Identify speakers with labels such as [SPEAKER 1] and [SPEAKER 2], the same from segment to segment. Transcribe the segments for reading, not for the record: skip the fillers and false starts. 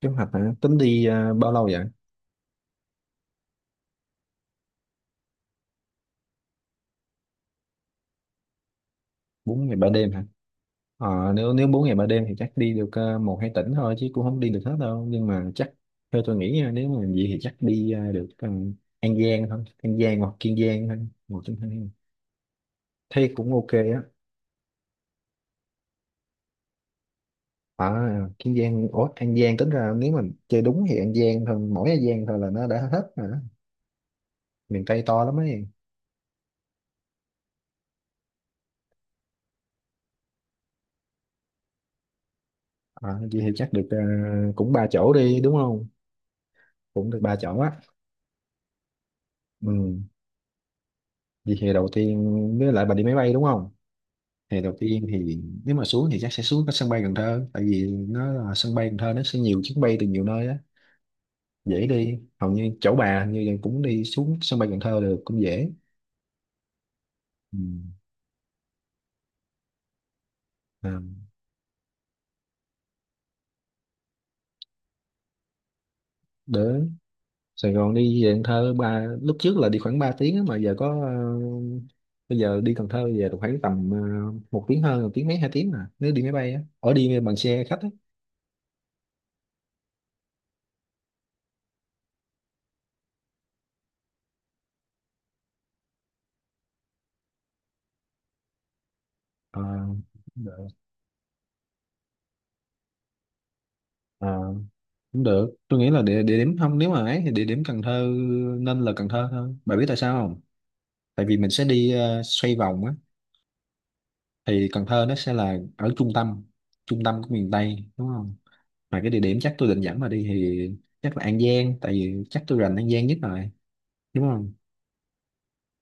[SPEAKER 1] Kế hoạch hả? Tính đi à, bao lâu vậy? Bốn ngày 3 đêm hả? Ờ, nếu nếu 4 ngày 3 đêm thì chắc đi được một hai tỉnh thôi chứ cũng không đi được hết đâu. Nhưng mà chắc theo tôi nghĩ nha, nếu mà vậy thì chắc đi được An Giang thôi, An Giang hoặc Kiên Giang thôi, một trong hai. Thế cũng ok á. À, Kiên Giang, ủa An Giang tính ra nếu mà chơi đúng thì An Giang thôi, mỗi An Giang thôi là nó đã hết rồi đó. Miền Tây to lắm ấy. À, vậy thì chắc được cũng ba chỗ đi đúng không? Cũng được ba chỗ á. Ừ. Vậy thì đầu tiên với lại bà đi máy bay đúng không? Thì đầu tiên thì nếu mà xuống thì chắc sẽ xuống cái sân bay Cần Thơ, tại vì nó là sân bay Cần Thơ, nó sẽ nhiều chuyến bay từ nhiều nơi á, dễ đi. Hầu như chỗ bà hình như là cũng đi xuống sân bay Cần Thơ được, cũng dễ. Ừ. À, đến Sài Gòn đi về Cần Thơ, ba lúc trước là đi khoảng 3 tiếng á, mà giờ có bây giờ đi Cần Thơ về được khoảng tầm một tiếng hơn, một tiếng mấy, hai tiếng, mà nếu đi máy bay á, ở đi bằng xe khách á. Ờ, ờ, cũng được. Tôi nghĩ là địa điểm không, nếu mà ấy thì địa điểm Cần Thơ, nên là Cần Thơ thôi. Bà biết tại sao không? Tại vì mình sẽ đi xoay vòng á. Thì Cần Thơ nó sẽ là ở trung tâm, trung tâm của miền Tây, đúng không? Mà cái địa điểm chắc tôi định dẫn bà đi thì chắc là An Giang, tại vì chắc tôi rành An Giang nhất rồi, đúng không?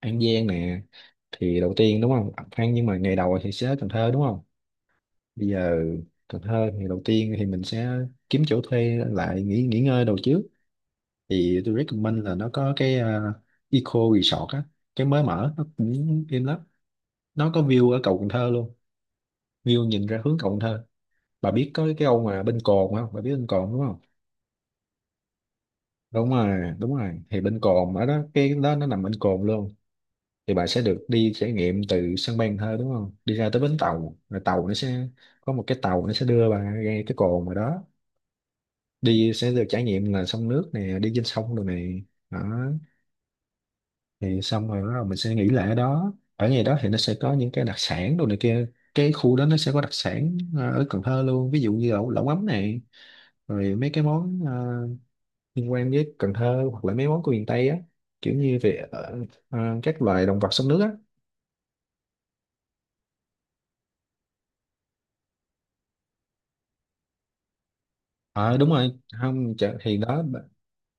[SPEAKER 1] An Giang nè, thì đầu tiên đúng không? Phan, nhưng mà ngày đầu thì sẽ ở Cần Thơ đúng không? Bây giờ Cần Thơ thì đầu tiên thì mình sẽ kiếm chỗ thuê lại, nghỉ nghỉ ngơi đầu trước. Thì tôi recommend là nó có cái Eco Resort á, cái mới mở, nó cũng im lắm, nó có view ở cầu Cần Thơ luôn, view nhìn ra hướng cầu Cần Thơ. Bà biết có cái ông mà bên Cồn không? Bà biết bên Cồn đúng không? Đúng rồi, đúng rồi, thì bên Cồn ở đó, cái đó nó nằm bên Cồn luôn. Thì bà sẽ được đi trải nghiệm từ sân bay Cần Thơ đúng không, đi ra tới bến tàu, rồi tàu nó sẽ có một cái tàu, nó sẽ đưa bà ra cái cồn rồi đó. Đi sẽ được trải nghiệm là sông nước nè, đi trên sông rồi này. Đó, thì xong rồi bắt đầu mình sẽ nghỉ lại ở đó. Ở ngày đó thì nó sẽ có những cái đặc sản đồ này kia. Cái khu đó nó sẽ có đặc sản ở Cần Thơ luôn, ví dụ như lẩu lẩu mắm này, rồi mấy cái món liên quan với Cần Thơ, hoặc là mấy món của miền Tây á, kiểu như về các loài động vật sống nước á. Ờ đúng rồi, không chợ, thì đó,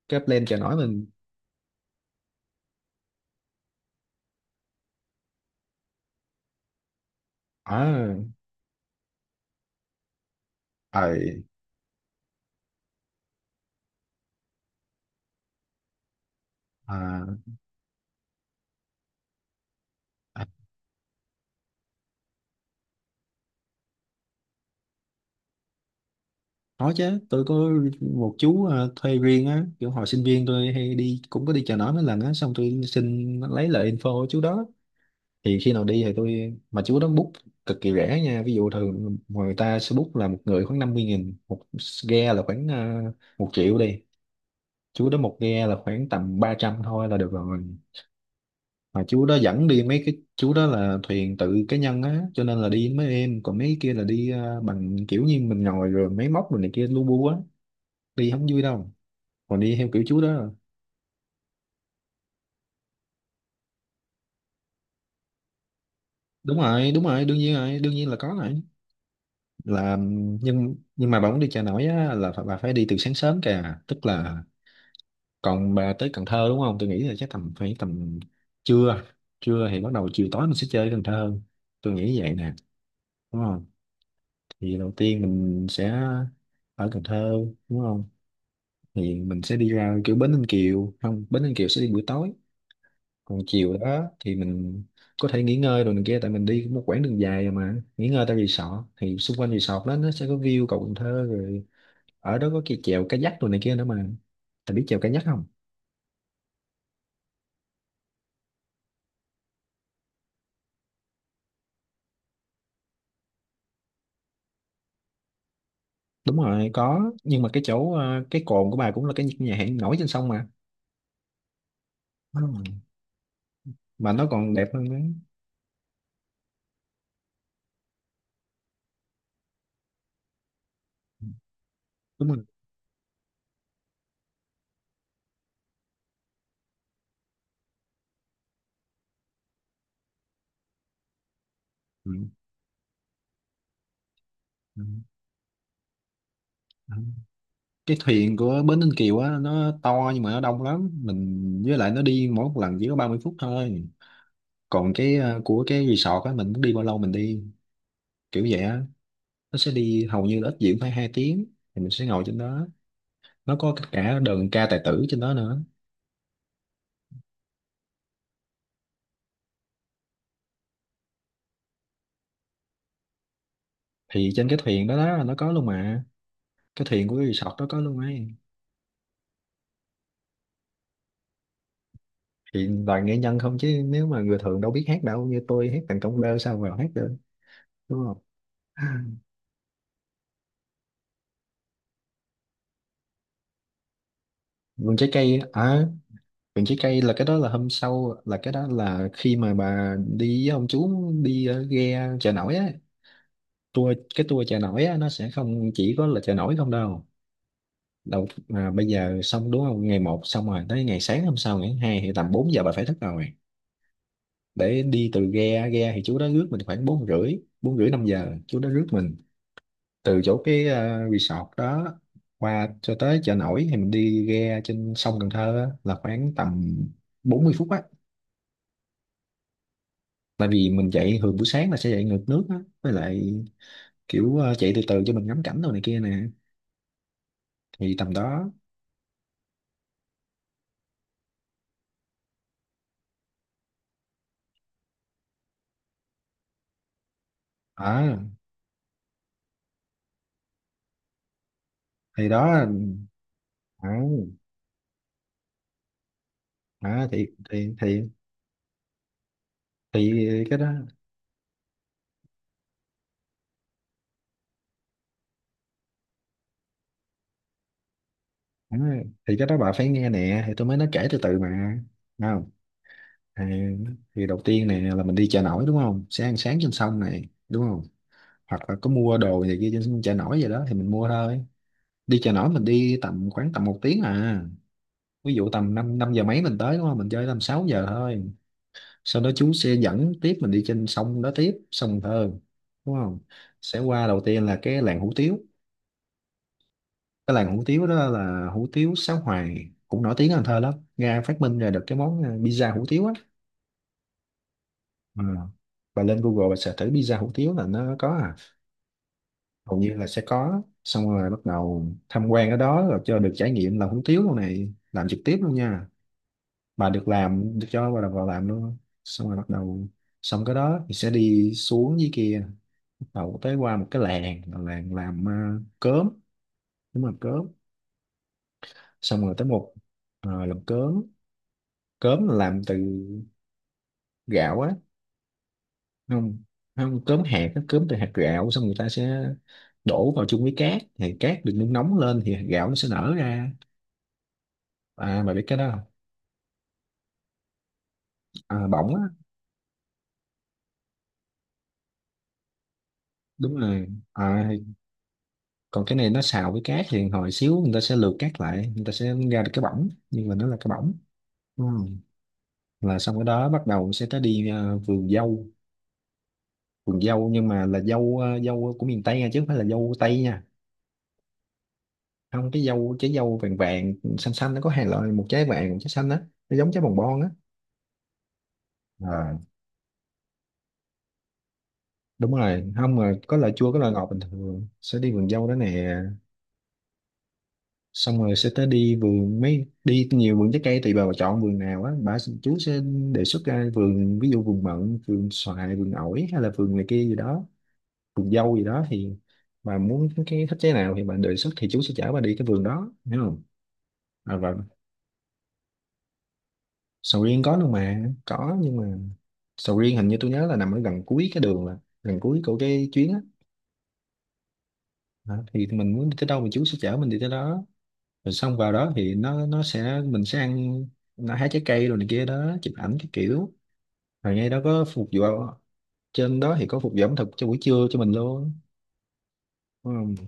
[SPEAKER 1] cái plan chợ nổi mình. Ở, ờ, à, có chứ, tôi có một chú thuê riêng á, kiểu hồi sinh viên tôi hay đi, cũng có đi chợ nổi mấy lần á, xong tôi xin lấy lại info của chú đó. Thì khi nào đi thì tôi mà chú đó book cực kỳ rẻ nha. Ví dụ thường người ta sẽ book là một người khoảng 50 nghìn, một ghe là khoảng một triệu đi. Chú đó một ghe là khoảng tầm 300 thôi là được rồi. Mà chú đó dẫn đi mấy cái, chú đó là thuyền tự cá nhân á, cho nên là đi mấy em, còn mấy kia là đi bằng kiểu như mình ngồi rồi máy móc rồi này kia lu bu á, đi không vui đâu. Còn đi theo kiểu chú đó, đúng rồi, đúng rồi, đương nhiên rồi, đương nhiên là có rồi. Là nhưng mà bà muốn đi chợ nổi á là phải- bà phải đi từ sáng sớm kìa, tức là còn bà tới Cần Thơ đúng không, tôi nghĩ là chắc tầm phải tầm trưa. Trưa thì bắt đầu chiều tối mình sẽ chơi Cần Thơ, tôi nghĩ vậy nè, đúng không? Thì đầu tiên mình sẽ ở Cần Thơ đúng không, thì mình sẽ đi ra kiểu Bến Ninh Kiều không, Bến Ninh Kiều sẽ đi buổi tối. Còn chiều đó thì mình có thể nghỉ ngơi rồi này kia, tại mình đi một quãng đường dài rồi mà. Nghỉ ngơi tại resort thì xung quanh resort đó nó sẽ có view cầu Cần Thơ rồi. Ở đó có cái chèo kayak rồi này kia nữa mà. Tại biết chèo kayak không? Đúng rồi có, nhưng mà cái chỗ cái cồn của bà cũng là cái nhà hàng nổi trên sông mà. Đúng rồi. Mà nó còn đẹp hơn đấy. Đúng rồi. Ừ. Ừ. Ừ. Cái thuyền của bến Ninh Kiều á nó to, nhưng mà nó đông lắm, mình với lại nó đi mỗi một lần chỉ có 30 phút thôi. Còn cái của cái resort á mình muốn đi bao lâu mình đi, kiểu vậy á. Nó sẽ đi hầu như là ít diễn phải hai tiếng. Thì mình sẽ ngồi trên đó, nó có cả đờn ca tài tử trên đó nữa. Thì trên cái thuyền đó đó nó có luôn mà, cái thuyền của cái resort đó có luôn ấy. Thì toàn nghệ nhân không, chứ nếu mà người thường đâu biết hát đâu, như tôi hát thành công bơ sao vào hát được, đúng không? Vườn trái cây à? Vườn trái cây là cái đó là hôm sau, là cái đó là khi mà bà đi với ông chú đi ghe chợ nổi á, tour. Cái tour chợ nổi á nó sẽ không chỉ có là chợ nổi không đâu. Đầu, à, bây giờ xong đúng không, ngày một xong rồi tới ngày sáng hôm sau, ngày thứ hai thì tầm 4 giờ bà phải thức rồi, để đi từ ghe. Ghe thì chú đó rước mình khoảng bốn rưỡi, bốn rưỡi năm giờ chú đó rước mình từ chỗ cái resort đó qua cho tới chợ nổi. Thì mình đi ghe trên sông Cần Thơ á, là khoảng tầm 40 phút á, tại vì mình chạy thường buổi sáng là sẽ chạy ngược nước á, với lại kiểu chạy từ từ cho mình ngắm cảnh đồ này kia nè, thì tầm đó. À thì đó, à, à, thì thì thì thì cái đó. Đó, thì cái đó bà phải nghe nè, thì tôi mới nói kể từ từ mà, đúng không? Thì, thì đầu tiên nè là mình đi chợ nổi đúng không, sẽ ăn sáng trên sông này đúng không, hoặc là có mua đồ gì kia trên chợ nổi vậy đó thì mình mua thôi. Đi chợ nổi mình đi tầm khoảng tầm một tiếng à. Ví dụ tầm 5, năm năm giờ mấy mình tới đúng không, mình chơi tầm 6 giờ thôi. Sau đó chú sẽ dẫn tiếp mình đi trên sông đó tiếp, sông Cần Thơ đúng không, sẽ qua đầu tiên là cái làng hủ tiếu. Cái làng hủ tiếu đó là hủ tiếu Sáu Hoài, cũng nổi tiếng ở Cần Thơ lắm. Nga phát minh ra được cái món pizza hủ tiếu á. Ờ, bà lên Google bà search thử pizza hủ tiếu là nó có à, hầu như là sẽ có. Xong rồi bắt đầu tham quan ở đó, rồi cho được trải nghiệm làm hủ tiếu luôn này, làm trực tiếp luôn nha. Bà được làm, được cho bà được vào làm luôn. Xong rồi bắt đầu, xong cái đó thì sẽ đi xuống dưới kia, bắt đầu tới qua một cái làng là làng làm cớm. Đúng rồi, cớm. Xong rồi tới một làm cớm. Cớm là làm từ gạo á. Không, không cớm hạt, nó cớm từ hạt gạo. Xong người ta sẽ đổ vào chung với cát, thì cát được nung nóng lên thì hạt gạo nó sẽ nở ra. À bà biết cái đó không? À, bỏng á, đúng rồi. À, còn cái này nó xào với cát thì hồi xíu người ta sẽ lượt cát lại, người ta sẽ ra được cái bỏng, nhưng mà nó là cái bỏng. Ừ. Là xong cái đó bắt đầu sẽ tới đi vườn dâu. Vườn dâu nhưng mà là dâu dâu của miền Tây nha, chứ không phải là dâu Tây nha. Không, cái dâu trái dâu vàng vàng xanh xanh, nó có hai loại, một trái vàng một trái xanh á, nó giống trái bồng bon á. À, đúng rồi, không mà có loại chua có loại ngọt, bình thường sẽ đi vườn dâu đó nè. Xong rồi sẽ tới đi vườn mấy, đi nhiều vườn trái cây tùy bà chọn vườn nào á, bà chú sẽ đề xuất ra vườn, ví dụ vườn mận, vườn xoài, vườn ổi, hay là vườn này kia gì đó, vườn dâu gì đó. Thì bà muốn cái thích trái nào thì bà đề xuất, thì chú sẽ chở bà đi cái vườn đó, hiểu không? À, và sầu riêng có luôn mà, có, nhưng mà sầu riêng hình như tôi nhớ là nằm ở gần cuối cái đường, là gần cuối của cái chuyến á. Đó, thì mình muốn đi tới đâu thì chú sẽ chở mình đi tới đó. Rồi xong vào đó thì nó sẽ mình sẽ ăn, nó hái trái cây rồi này kia đó, chụp ảnh cái kiểu, rồi ngay đó có phục vụ, trên đó thì có phục vụ ẩm thực cho buổi trưa cho mình luôn. Ừ.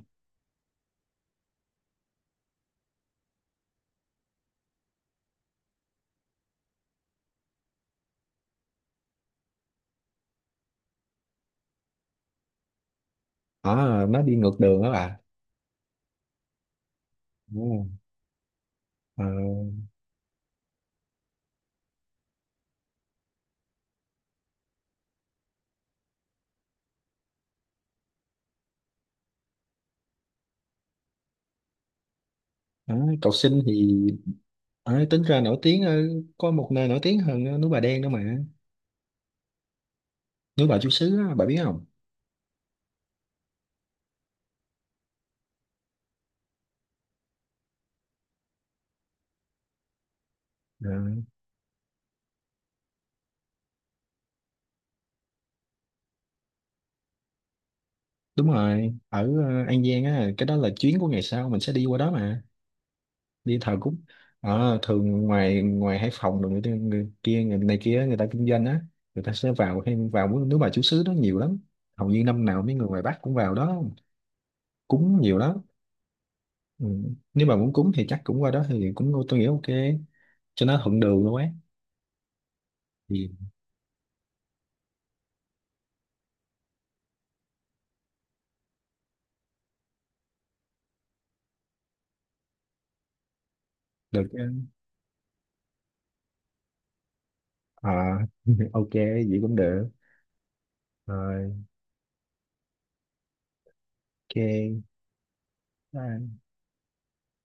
[SPEAKER 1] À, nó đi ngược đường đó bà. Ừ. Ờ, đó, cầu sinh thì, à, tính ra nổi tiếng có một nơi nổi tiếng hơn núi Bà Đen đó mà. Núi Bà Chúa Sứ á, bà biết không? Ờ, đúng rồi, ở An Giang á, cái đó là chuyến của ngày sau mình sẽ đi qua đó mà, đi thờ cúng. Ở thường ngoài, ngoài Hải Phòng rồi người kia người này kia, người ta kinh doanh á, người ta sẽ vào hay vào nước nước bà chú xứ đó nhiều lắm. Hầu như năm nào mấy người ngoài Bắc cũng vào đó cúng nhiều lắm. Ừ. Nếu mà muốn cúng thì chắc cũng qua đó, thì cũng tôi nghĩ ok, cho nó thuận đường luôn ấy. Thì được chứ. À, ok vậy cũng được. Rồi. Ok.